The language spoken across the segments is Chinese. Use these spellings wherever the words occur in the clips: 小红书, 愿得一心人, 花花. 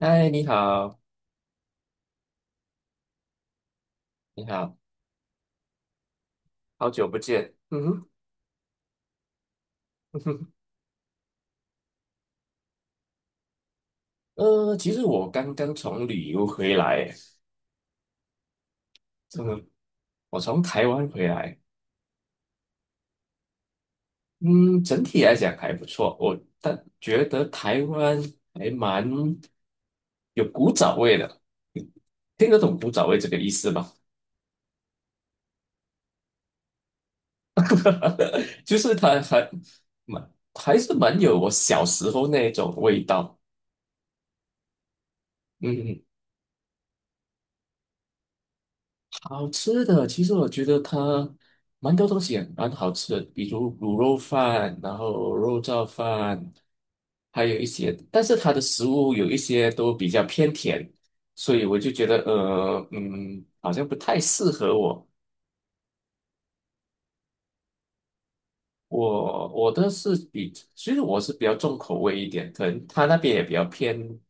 嗨，你好，你好，好久不见。嗯哼，嗯哼，其实我刚刚从旅游回来。真的，我从台湾回来。嗯，整体来讲还不错。我但觉得台湾还蛮有古早味的，听得懂古早味这个意思吗？就是它蛮还是蛮有我小时候那种味道。嗯，好吃的，其实我觉得它蛮多东西也蛮好吃的，比如卤肉饭，然后肉燥饭，还有一些。但是它的食物有一些都比较偏甜，所以我就觉得，好像不太适合我。我的其实我是比较重口味一点，可能他那边也比较偏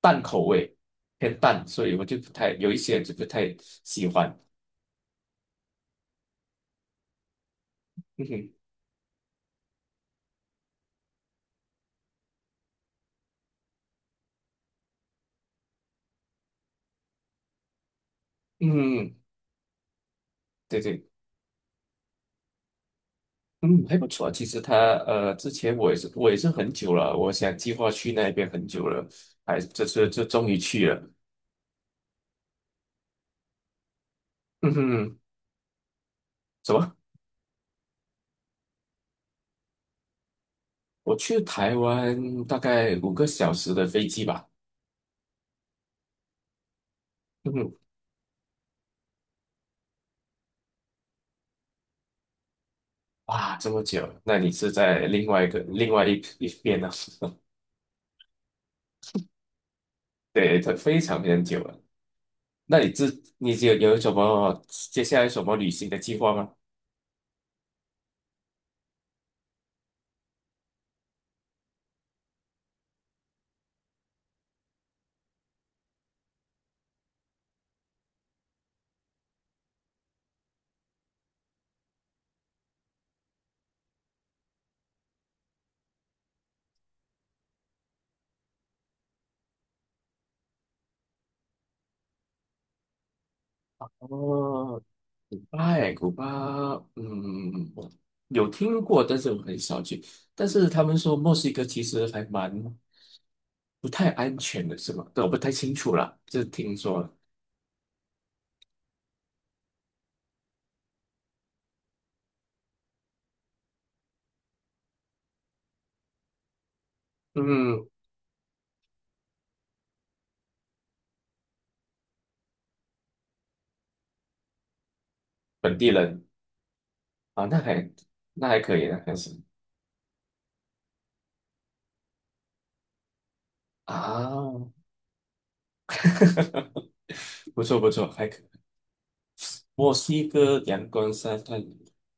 淡口味，偏淡，所以我就不太有一些就不太喜欢。嗯哼，嗯，对对。嗯，还不错。其实之前我也是很久了，我想计划去那边很久了，还这次就终于去了。嗯哼，什么？我去台湾大概5个小时的飞机吧。嗯哼，哇，这么久？那你是在另外一边呢、对，它非常非常久了。那你有什么接下来什么旅行的计划吗？哦，哎，古巴，嗯，我有听过，但是我很少去。但是他们说墨西哥其实还蛮不太安全的，是吗？对，我不太清楚啦，这听说了。嗯，本地人啊，那还可以，那还行啊，不错不错，还可以墨西哥阳光沙滩，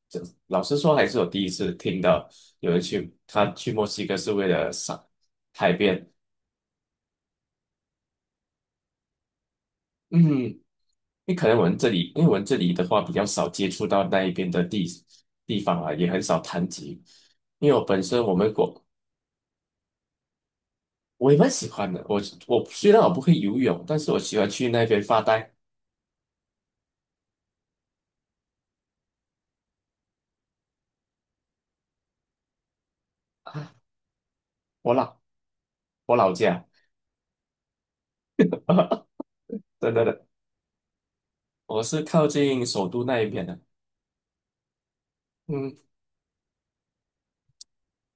这老实说还是我第一次听到有人去，他去墨西哥是为了赏海边。嗯，因为可能我们这里，因为我们这里的话比较少接触到那一边的地方啊，也很少谈及。因为我本身我们国我也蛮喜欢的。我虽然我不会游泳，但是我喜欢去那边发呆。我老我老家，真的的，我是靠近首都那一边的。嗯，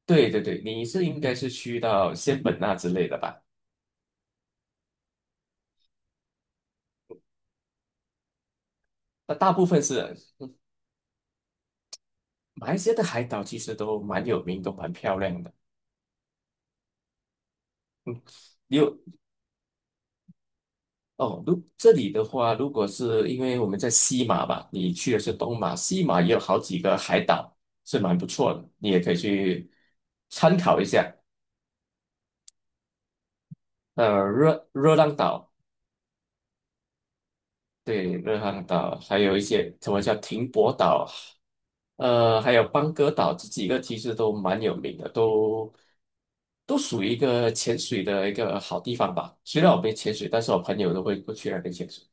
对对对，应该是去到仙本那之类的吧？那大部分是马来西亚的海岛，其实都蛮有名，都蛮漂亮的。你有哦，如这里的话，如果是因为我们在西马吧，你去的是东马。西马也有好几个海岛，是蛮不错的，你也可以去参考一下。热浪岛，对，热浪岛，还有一些什么叫停泊岛。呃，还有邦哥岛，这几个其实都蛮有名的，都属于一个潜水的一个好地方吧。虽然我没潜水，但是我朋友都会过去那边潜水。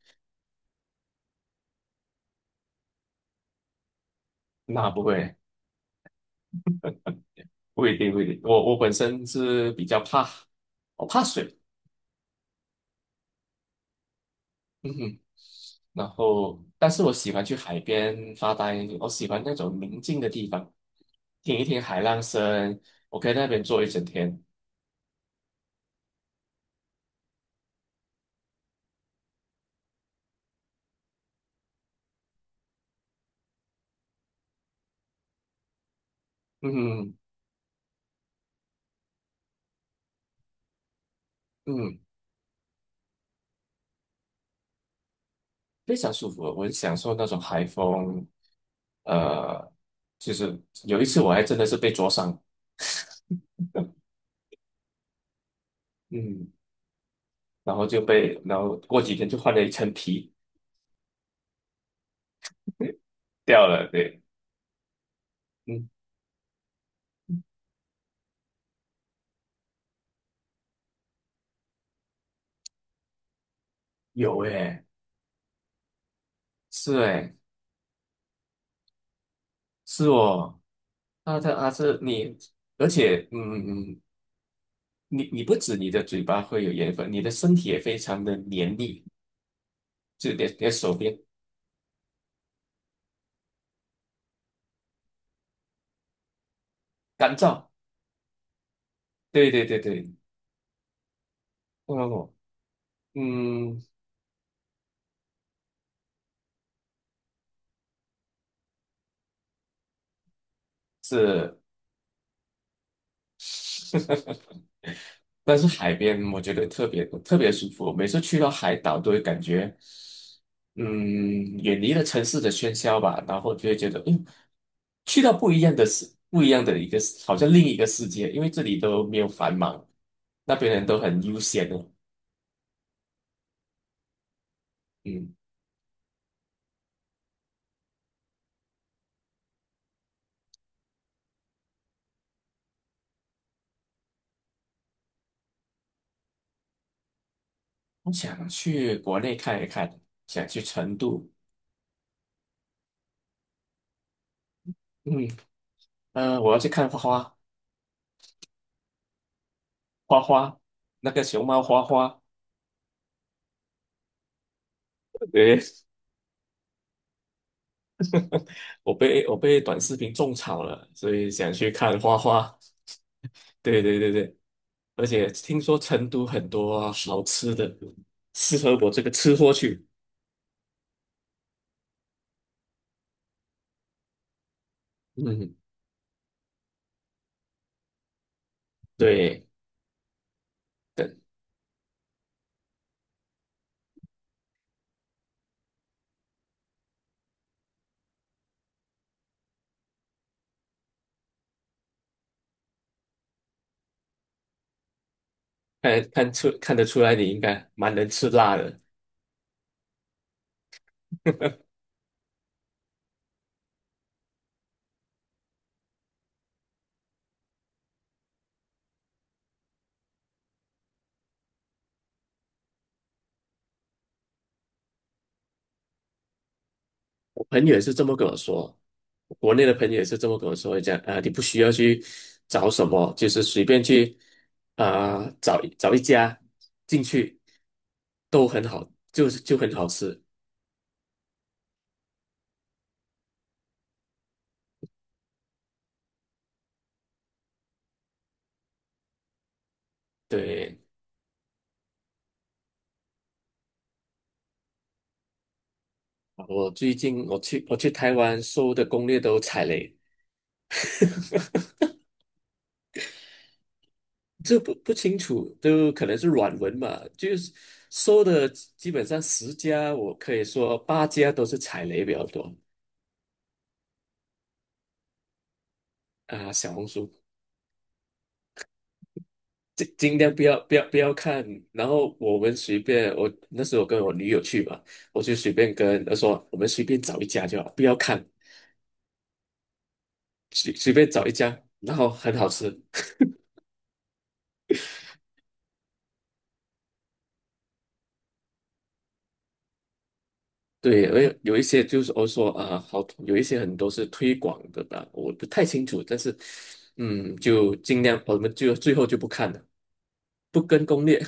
那不会，不一定，不一定。我本身是比较怕，我怕水，嗯哼。然后，但是我喜欢去海边发呆，我喜欢那种宁静的地方，听一听海浪声，我可以在那边坐一整天。嗯嗯，非常舒服。我很享受那种海风。呃，就是有一次我还真的是被灼伤。嗯，然后就被，然后过几天就换了一层皮掉了，对。嗯，有诶，是诶，是哦。啊，它啊是你，而且你不止你的嘴巴会有盐分，你的身体也非常的黏腻，就你的手边干燥。对对对对，哦，嗯。但是海边我觉得特别特别舒服。每次去到海岛都会感觉，嗯，远离了城市的喧嚣吧，然后就会觉得，嗯，去到不一样的世，不一样的一个世好像另一个世界。因为这里都没有繁忙，那边人都很悠闲的。嗯，我想去国内看一看，想去成都。嗯，我要去看花花。花花，那个熊猫花花。对，我被短视频种草了，所以想去看花花。对对对对，而且听说成都很多好吃的，适合我这个吃货去。嗯，对，对，看得出来，你应该蛮能吃辣的。朋友也是这么跟我说，国内的朋友也是这么跟我说，讲啊、你不需要去找什么，就是随便去啊、找一家进去都很好，就是很好吃。对，我最近我去我去台湾搜的攻略都踩雷。这不清楚，都可能是软文嘛，就是搜的基本上10家，我可以说8家都是踩雷比较多。啊、小红书。尽量不要不要不要看。然后我们随便，我那时候跟我女友去嘛，我就随便跟她说，我们随便找一家就好，不要看，随便找一家，然后很好吃。对，因为有一些就是我说啊，好，有一些很多是推广的吧，我不太清楚，但是嗯，就尽量我们就最后就不看了，不跟攻略。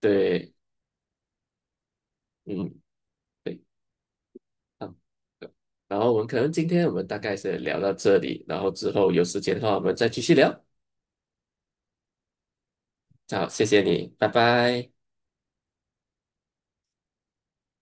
对，嗯，对，嗯，对，然后我们可能今天我们大概是聊到这里，然后之后有时间的话，我们再继续聊。好，谢谢你，拜拜。